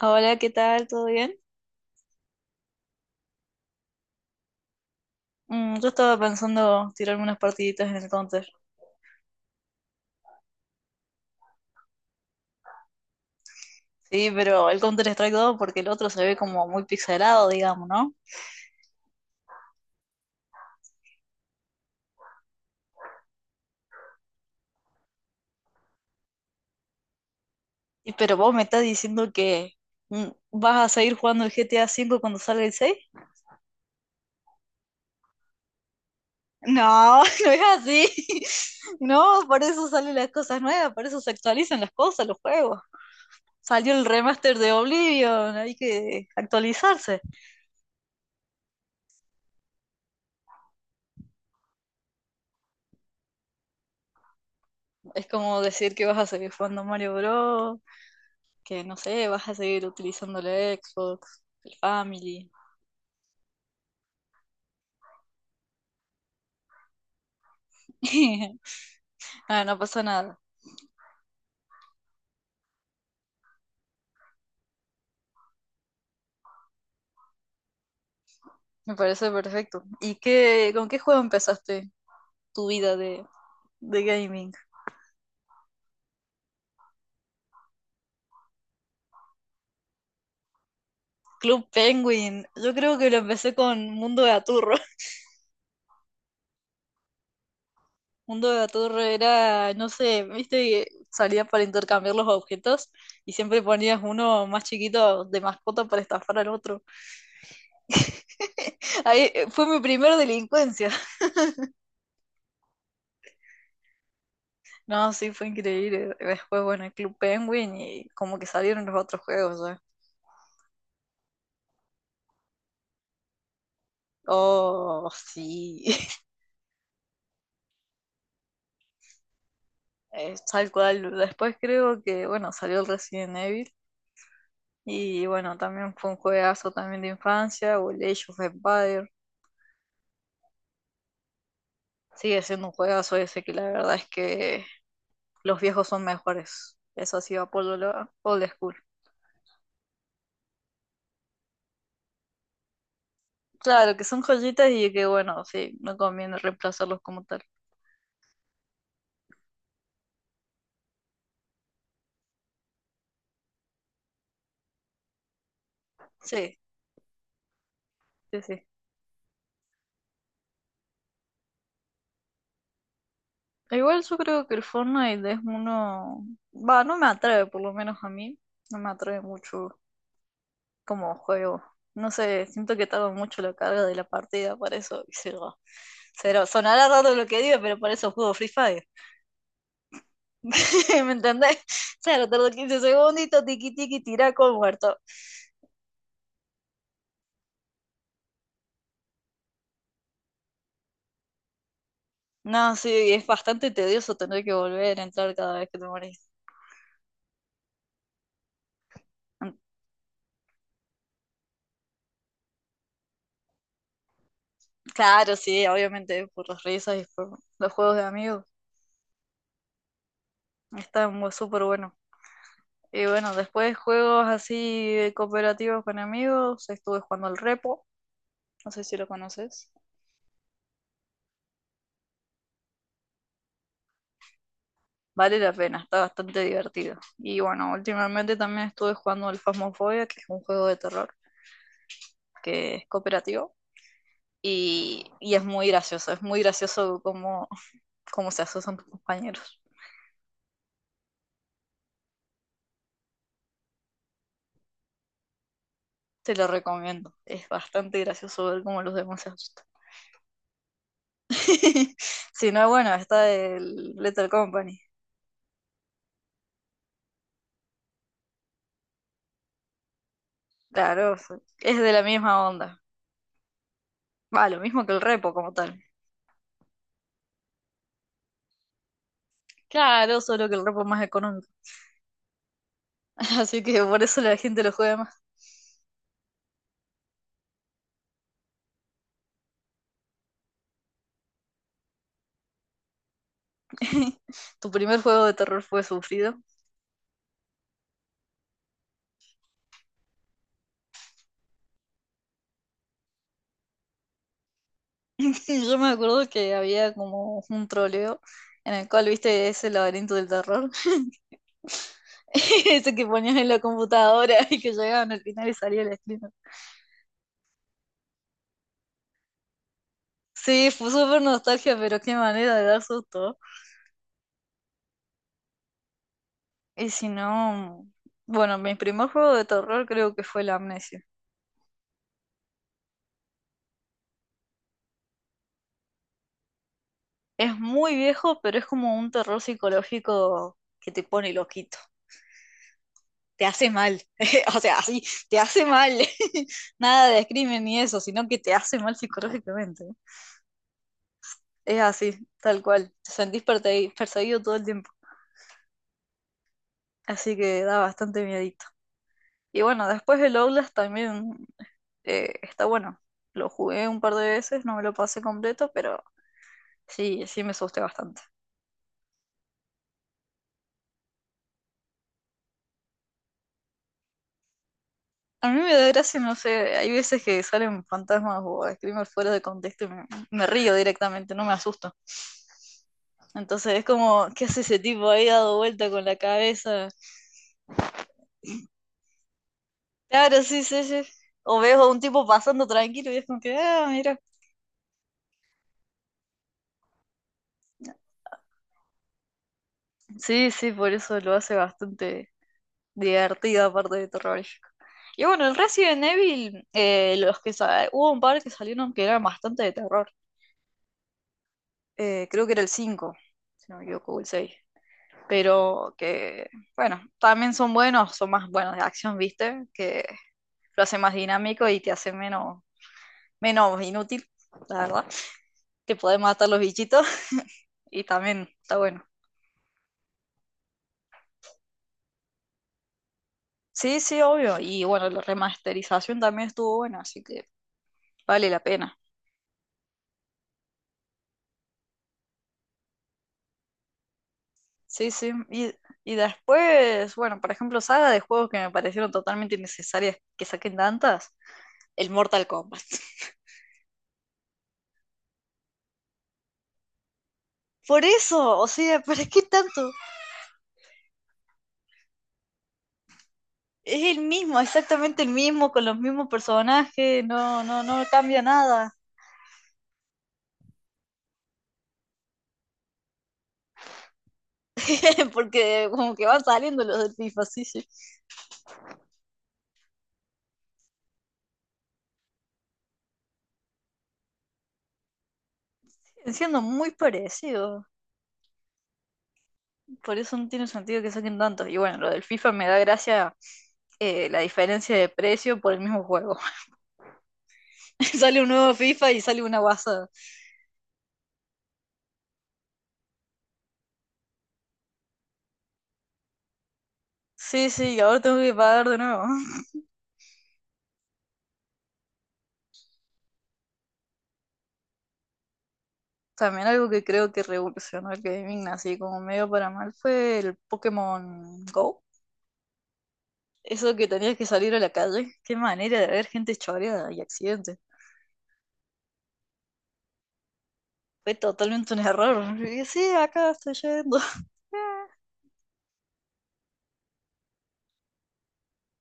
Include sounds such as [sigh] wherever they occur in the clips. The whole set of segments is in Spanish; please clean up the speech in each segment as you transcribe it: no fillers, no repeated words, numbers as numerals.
Hola, ¿qué tal? ¿Todo bien? Yo estaba pensando tirarme unas partiditas en el Counter. Sí, pero el Counter Strike 2, porque el otro se ve como muy pixelado, digamos, ¿no? Y pero vos me estás diciendo que ¿vas a seguir jugando el GTA V cuando salga el 6? No, [laughs] no es así. [laughs] No, por eso salen las cosas nuevas, por eso se actualizan las cosas, los juegos. Salió el remaster de Oblivion, hay que actualizarse. Es como decir que vas a seguir jugando Mario Bros., que no sé, vas a seguir utilizando la Xbox, el Family. [laughs] Ah, no pasa nada, me parece perfecto. ¿Y qué, con qué juego empezaste tu vida de gaming? Club Penguin, yo creo que lo empecé con Mundo de Aturro. [laughs] Mundo de Aturro era, no sé, viste que salía para intercambiar los objetos y siempre ponías uno más chiquito de mascota para estafar al otro. [laughs] Ahí fue mi primera delincuencia. No, sí, fue increíble. Después, bueno, el Club Penguin y como que salieron los otros juegos ya. Oh, sí. [laughs] Tal cual. Después creo que, bueno, salió el Resident Evil y bueno, también fue un juegazo también de infancia, o el Age of Empire. Sigue siendo un juegazo ese, que la verdad es que los viejos son mejores. Eso sí, apolo lo old school. Claro, que son joyitas y que bueno, sí, no conviene reemplazarlos como tal. Sí, sí, sí. Igual yo creo que el Fortnite es uno, va, no me atrae, por lo menos a mí, no me atrae mucho como juego. No sé, siento que tarda mucho la carga de la partida, por eso, y cero, cero. Sonará raro lo que digo, pero por eso juego Free Fire. [laughs] ¿Me entendés? Cero, tardo 15 segunditos, tiqui tiqui, tirá con muerto. No, sí, es bastante tedioso tener que volver a entrar cada vez que te morís. Mm. Claro, sí, obviamente, por las risas y por los juegos de amigos, está súper bueno. Y bueno, después juegos así cooperativos con amigos, estuve jugando el Repo, no sé si lo conoces. Vale la pena, está bastante divertido. Y bueno, últimamente también estuve jugando el Phasmophobia, que es un juego de terror que es cooperativo y es muy gracioso cómo se asustan tus compañeros. Te lo recomiendo, es bastante gracioso ver cómo los demás se asustan. [laughs] Si no, bueno, está el Letter Company. Claro, es de la misma onda. Va, lo mismo que el repo como tal. Claro, solo que el repo es más económico. [laughs] Así que por eso la gente lo juega más. [laughs] Tu primer juego de terror fue sufrido. [laughs] Yo me acuerdo que había como un troleo en el cual viste ese laberinto del terror. [laughs] Ese que ponías en la computadora y que llegaban al final y salía el screen. Sí, fue súper nostalgia, pero qué manera de dar susto. Y si no, bueno, mi primer juego de terror creo que fue la Amnesia. Es muy viejo, pero es como un terror psicológico que te pone loquito. Te hace mal. [laughs] O sea, así te hace mal. [laughs] Nada de crimen ni eso, sino que te hace mal psicológicamente. Es así, tal cual. Te sentís perseguido, perseguido todo el tiempo. Así que da bastante miedito. Y bueno, después el Outlast también está bueno. Lo jugué un par de veces, no me lo pasé completo, pero sí, sí me asusté bastante. A mí me da gracia, no sé, hay veces que salen fantasmas o screamers fuera de contexto y me río directamente, no me asusto. Entonces es como, ¿qué hace ese tipo ahí dado vuelta con la cabeza? Claro, sí, sí, sí. O veo a un tipo pasando tranquilo y es como que, ah, mira. Sí, sí, por eso lo hace bastante divertido, aparte de terrorífico. Y bueno, el Resident Evil, los que hubo un par que salieron que eran bastante de terror. Creo que era el cinco, si no me equivoco, o el seis, pero que, bueno, también son buenos, son más buenos de acción, ¿viste? Que lo hace más dinámico y te hace menos inútil, la verdad. Te puede matar los bichitos [laughs] y también está bueno. Sí, sí, obvio. Y bueno, la remasterización también estuvo buena, así que vale la pena. Sí, sí. Y después, bueno, por ejemplo, saga de juegos que me parecieron totalmente innecesarias que saquen tantas, el Mortal Kombat. [laughs] Por eso, o sea, ¿para qué tanto? Es el mismo, exactamente el mismo, con los mismos personajes, no, no, no cambia nada. [laughs] Porque como que van saliendo los del FIFA, sí, sí. Siguen siendo muy parecidos. Por eso no tiene sentido que saquen tantos. Y bueno, lo del FIFA me da gracia, la diferencia de precio por el mismo juego. [laughs] Sale un nuevo FIFA y sale una guasa. Sí, sí, y ahora tengo que pagar de nuevo. [laughs] También algo que creo que revolucionó el gaming, así como medio para mal, fue el Pokémon Go. Eso que tenías que salir a la calle, qué manera de haber gente choreada y accidentes. Fue totalmente un error. Y sí, acá estoy yendo. [laughs]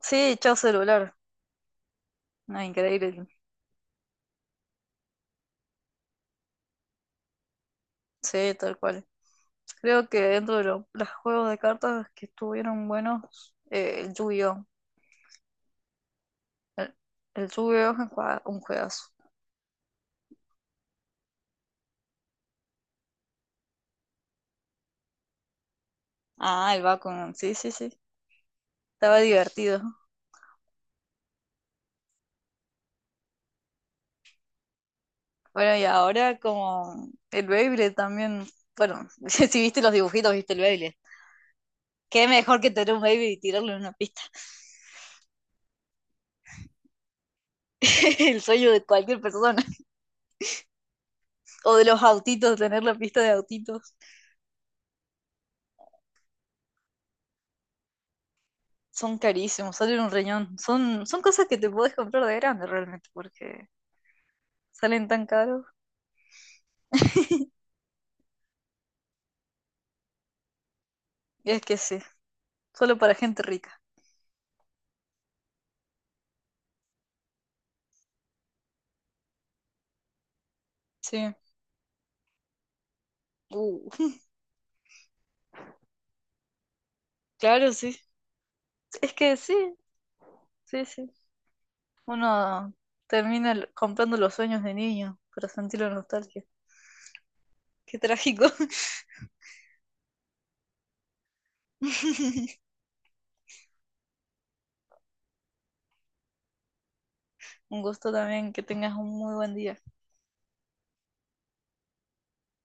Sí, chao celular. No, increíble. Sí, tal cual. Creo que dentro de los juegos de cartas que estuvieron buenos, el Yu-Gi-Oh! El, el Yu-Gi-Oh! Es un un juegazo. Ah, el Bakugan, sí, sí, sí. Estaba divertido. Bueno, y ahora como el Beyblade también. Bueno, [laughs] si viste los dibujitos, viste el Beyblade. Qué mejor que tener un baby y tirarlo en una pista. [laughs] El sueño de cualquier persona. O de los autitos, tener la pista de autitos. Son carísimos, salen un riñón. Son, son cosas que te podés comprar de grande realmente, porque salen tan caros. Y es que sí, solo para gente rica. Sí. Uh, claro, sí. Es que sí, sí, sí. Uno termina comprando los sueños de niño para sentir la nostalgia. Qué trágico. [laughs] Un gusto también, que tengas un muy buen día.